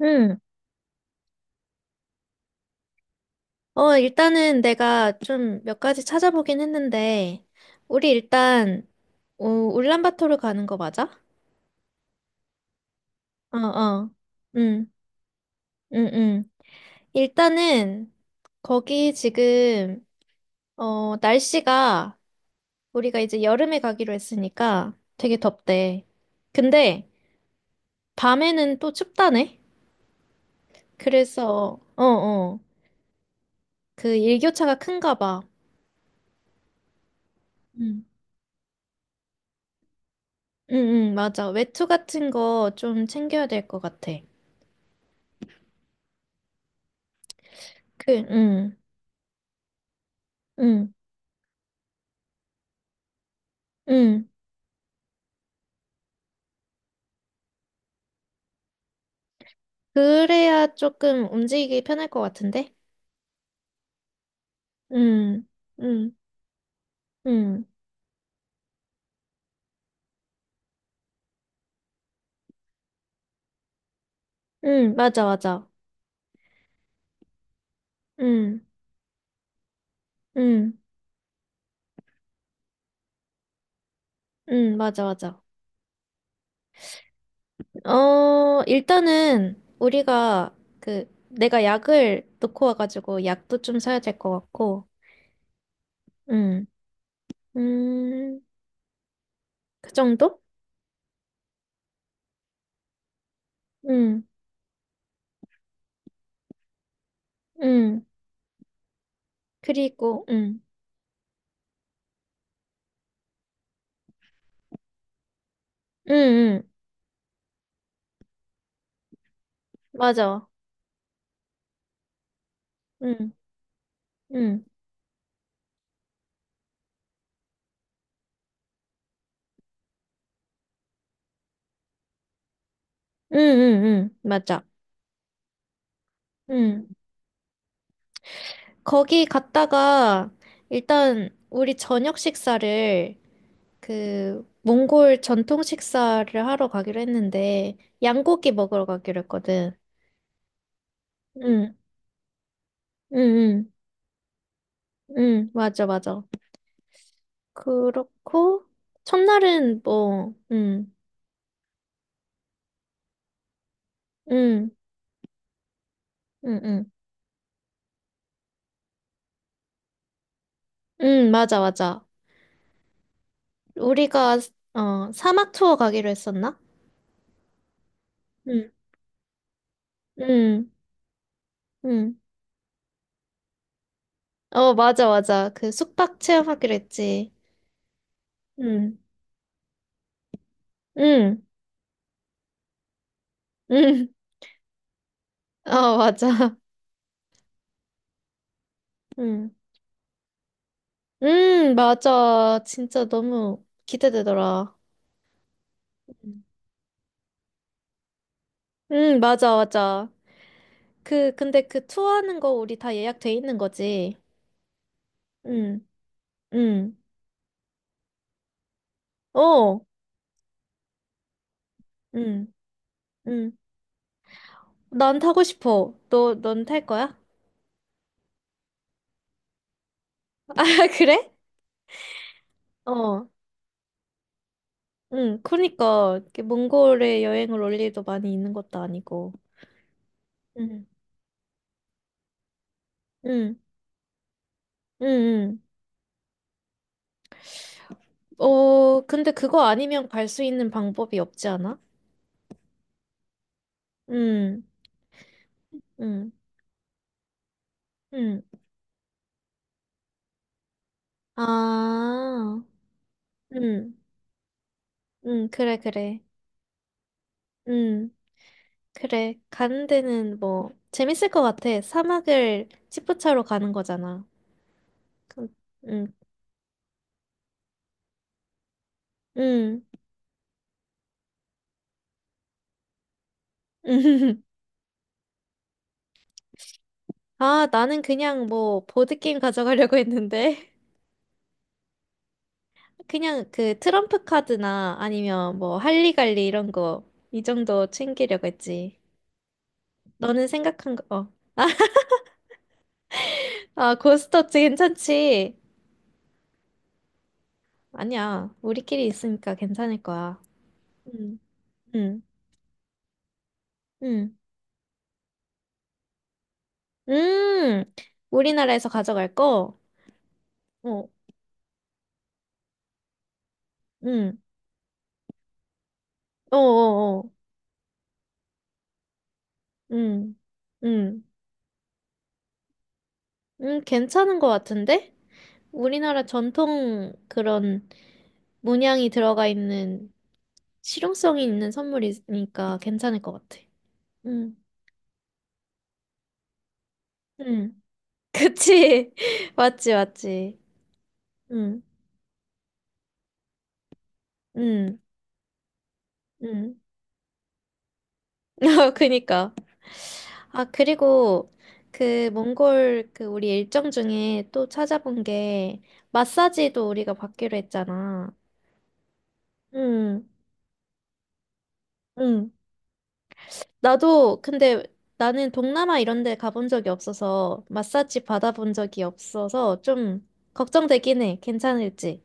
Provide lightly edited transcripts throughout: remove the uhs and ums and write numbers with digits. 응. 일단은 내가 좀 몇 가지 찾아보긴 했는데, 우리 일단, 울란바토르 가는 거 맞아? 어, 어. 응, 응, 응. 일단은, 거기 지금, 날씨가, 우리가 이제 여름에 가기로 했으니까 되게 덥대. 근데, 밤에는 또 춥다네? 그래서, 어, 어. 그 일교차가 큰가 봐. 응, 응, 응, 맞아. 외투 같은 거 좀 챙겨야 될 것 같아. 그, 응, 응, 응. 그래야 조금 움직이기 편할 것 같은데? 응, 응, 응, 응, 맞아, 맞아. 응, 응, 응, 맞아, 맞아. 일단은 우리가 그, 내가 약을 놓고 와가지고 약도 좀 사야 될 것 같고, 응, 음, 그 정도? 응, 응. 그리고, 응, 응, 응, 맞아. 응, 응, 응, 응, 응, 맞아. 응. 거기 갔다가 일단 우리 저녁 식사를 그 몽골 전통 식사를 하러 가기로 했는데 양고기 먹으러 가기로 했거든. 응, 응, 응, 응, 맞아, 맞아. 그렇고 첫날은 뭐, 응, 응, 응, 응, 응, 맞아, 맞아. 우리가 사막 투어 가기로 했었나? 응, 응, 응. 어, 맞아, 맞아. 그 숙박 체험하기로 했지. 응, 응, 응. 아, 맞아. 응. 맞아. 진짜 너무 기대되더라. 음. 응, 맞아, 맞아. 그, 근데 그 투어하는 거 우리 다 예약돼 있는 거지. 응, 응. 어, 응, 응. 난 타고 싶어. 넌 탈 거야? 아, 그래? 어, 응. 그러니까, 이렇게 몽골에 여행을 올 일도 많이 있는 것도 아니고. 응, 응, 응, 응. 근데 그거 아니면 갈 수 있는 방법이 없지 않아? 응, 응. 응. 아, 응. 응, 그래, 그래. 응, 그래. 가는 데는 뭐, 재밌을 것 같아. 사막을 지프차로 가는 거잖아. 그럼, 응, 응. 아, 나는 그냥 뭐, 보드게임 가져가려고 했는데. 그냥 그 트럼프 카드나 아니면 뭐, 할리갈리 이런 거, 이 정도 챙기려고 했지. 너는 생각한 거, 어. 아, 고스톱 괜찮지? 아니야. 우리끼리 있으니까 괜찮을 거야. 응, 응. 응 음. 우리나라에서 가져갈 거? 어. 응 어어어. 응 응 응 괜찮은 것 같은데? 우리나라 전통 그런 문양이 들어가 있는 실용성이 있는 선물이니까 괜찮을 것 같아. 응 응 그치? 맞지, 맞지. 응 응 응 어, 그니까. 아, 그리고 그 몽골 그 우리 일정 중에 또 찾아본 게 마사지도 우리가 받기로 했잖아. 응, 응. 나도 근데 나는 동남아 이런 데 가본 적이 없어서 마사지 받아본 적이 없어서 좀 걱정되긴 해. 괜찮을지.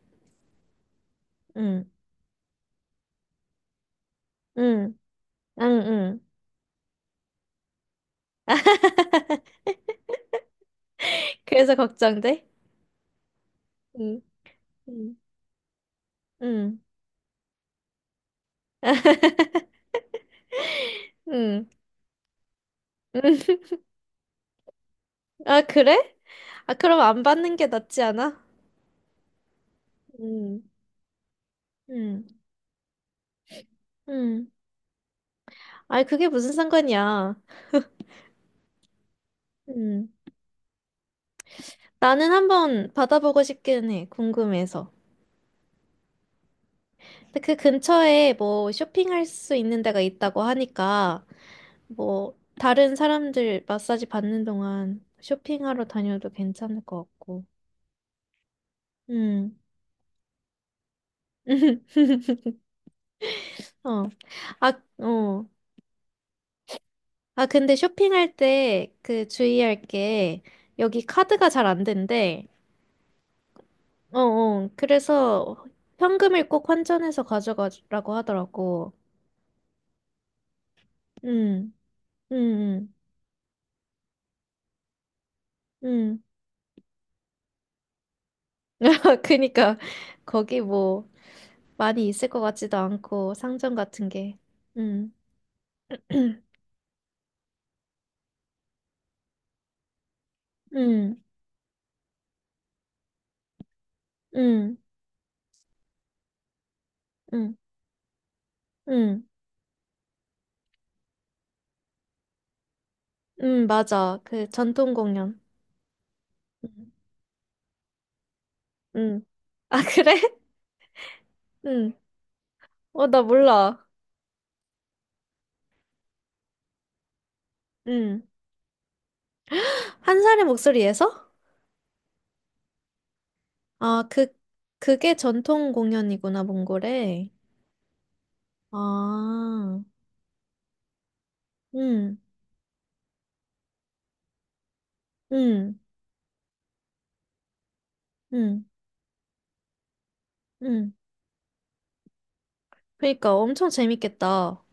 응, 응, 응, 응. 그래서 걱정돼? 응, 응, 응. 응. 아, 그래? 아, 그럼 안 받는 게 낫지 않아? 응. 음, 음. 아이, 그게 무슨 상관이야. 음. 나는 한번 받아보고 싶기는 해, 궁금해서. 근데 그 근처에 뭐 쇼핑할 수 있는 데가 있다고 하니까, 뭐, 다른 사람들 마사지 받는 동안 쇼핑하러 다녀도 괜찮을 것 같고. 음. 어. 아, 어. 아, 근데 쇼핑할 때 그 주의할 게, 여기 카드가 잘 안 된대. 어, 어. 그래서 현금을 꼭 환전해서 가져가라고 하더라고. 응, 응, 응, 응. 그니까 거기 뭐 많이 있을 것 같지도 않고 상점 같은 게. 응, 응, 응, 응, 응, 응, 맞아. 그 전통 공연. 응, 응. 아, 그래? 응. 어, 나 몰라. 응. 한 사람의 목소리에서? 아, 그, 그게 전통 공연이구나, 몽골에. 아. 응, 응, 응, 응. 그러니까 엄청 재밌겠다.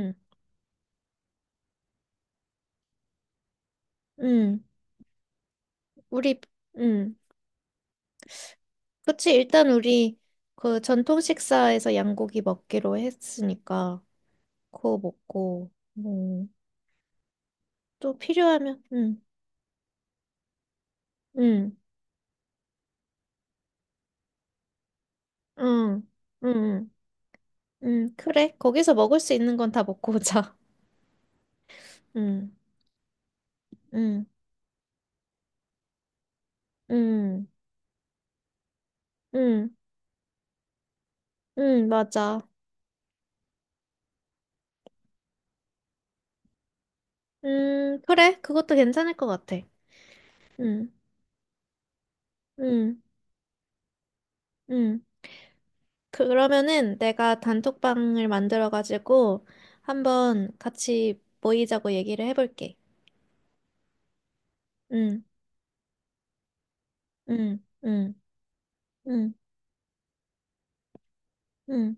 응, 응. 우리, 응. 그치, 일단 우리 그 전통 식사에서 양고기 먹기로 했으니까 그거 먹고, 뭐, 또 필요하면, 응, 응, 응, 응, 응. 그래, 거기서 먹을 수 있는 건 다 먹고 오자. 응, 응, 응, 응, 응, 맞아. 그래, 그것도 괜찮을 것 같아. 응, 응, 응. 그러면은 내가 단톡방을 만들어가지고 한번 같이 모이자고 얘기를 해볼게. 응, 응, 응, 응, 응.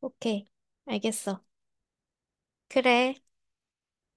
오케이. 알겠어. 그래.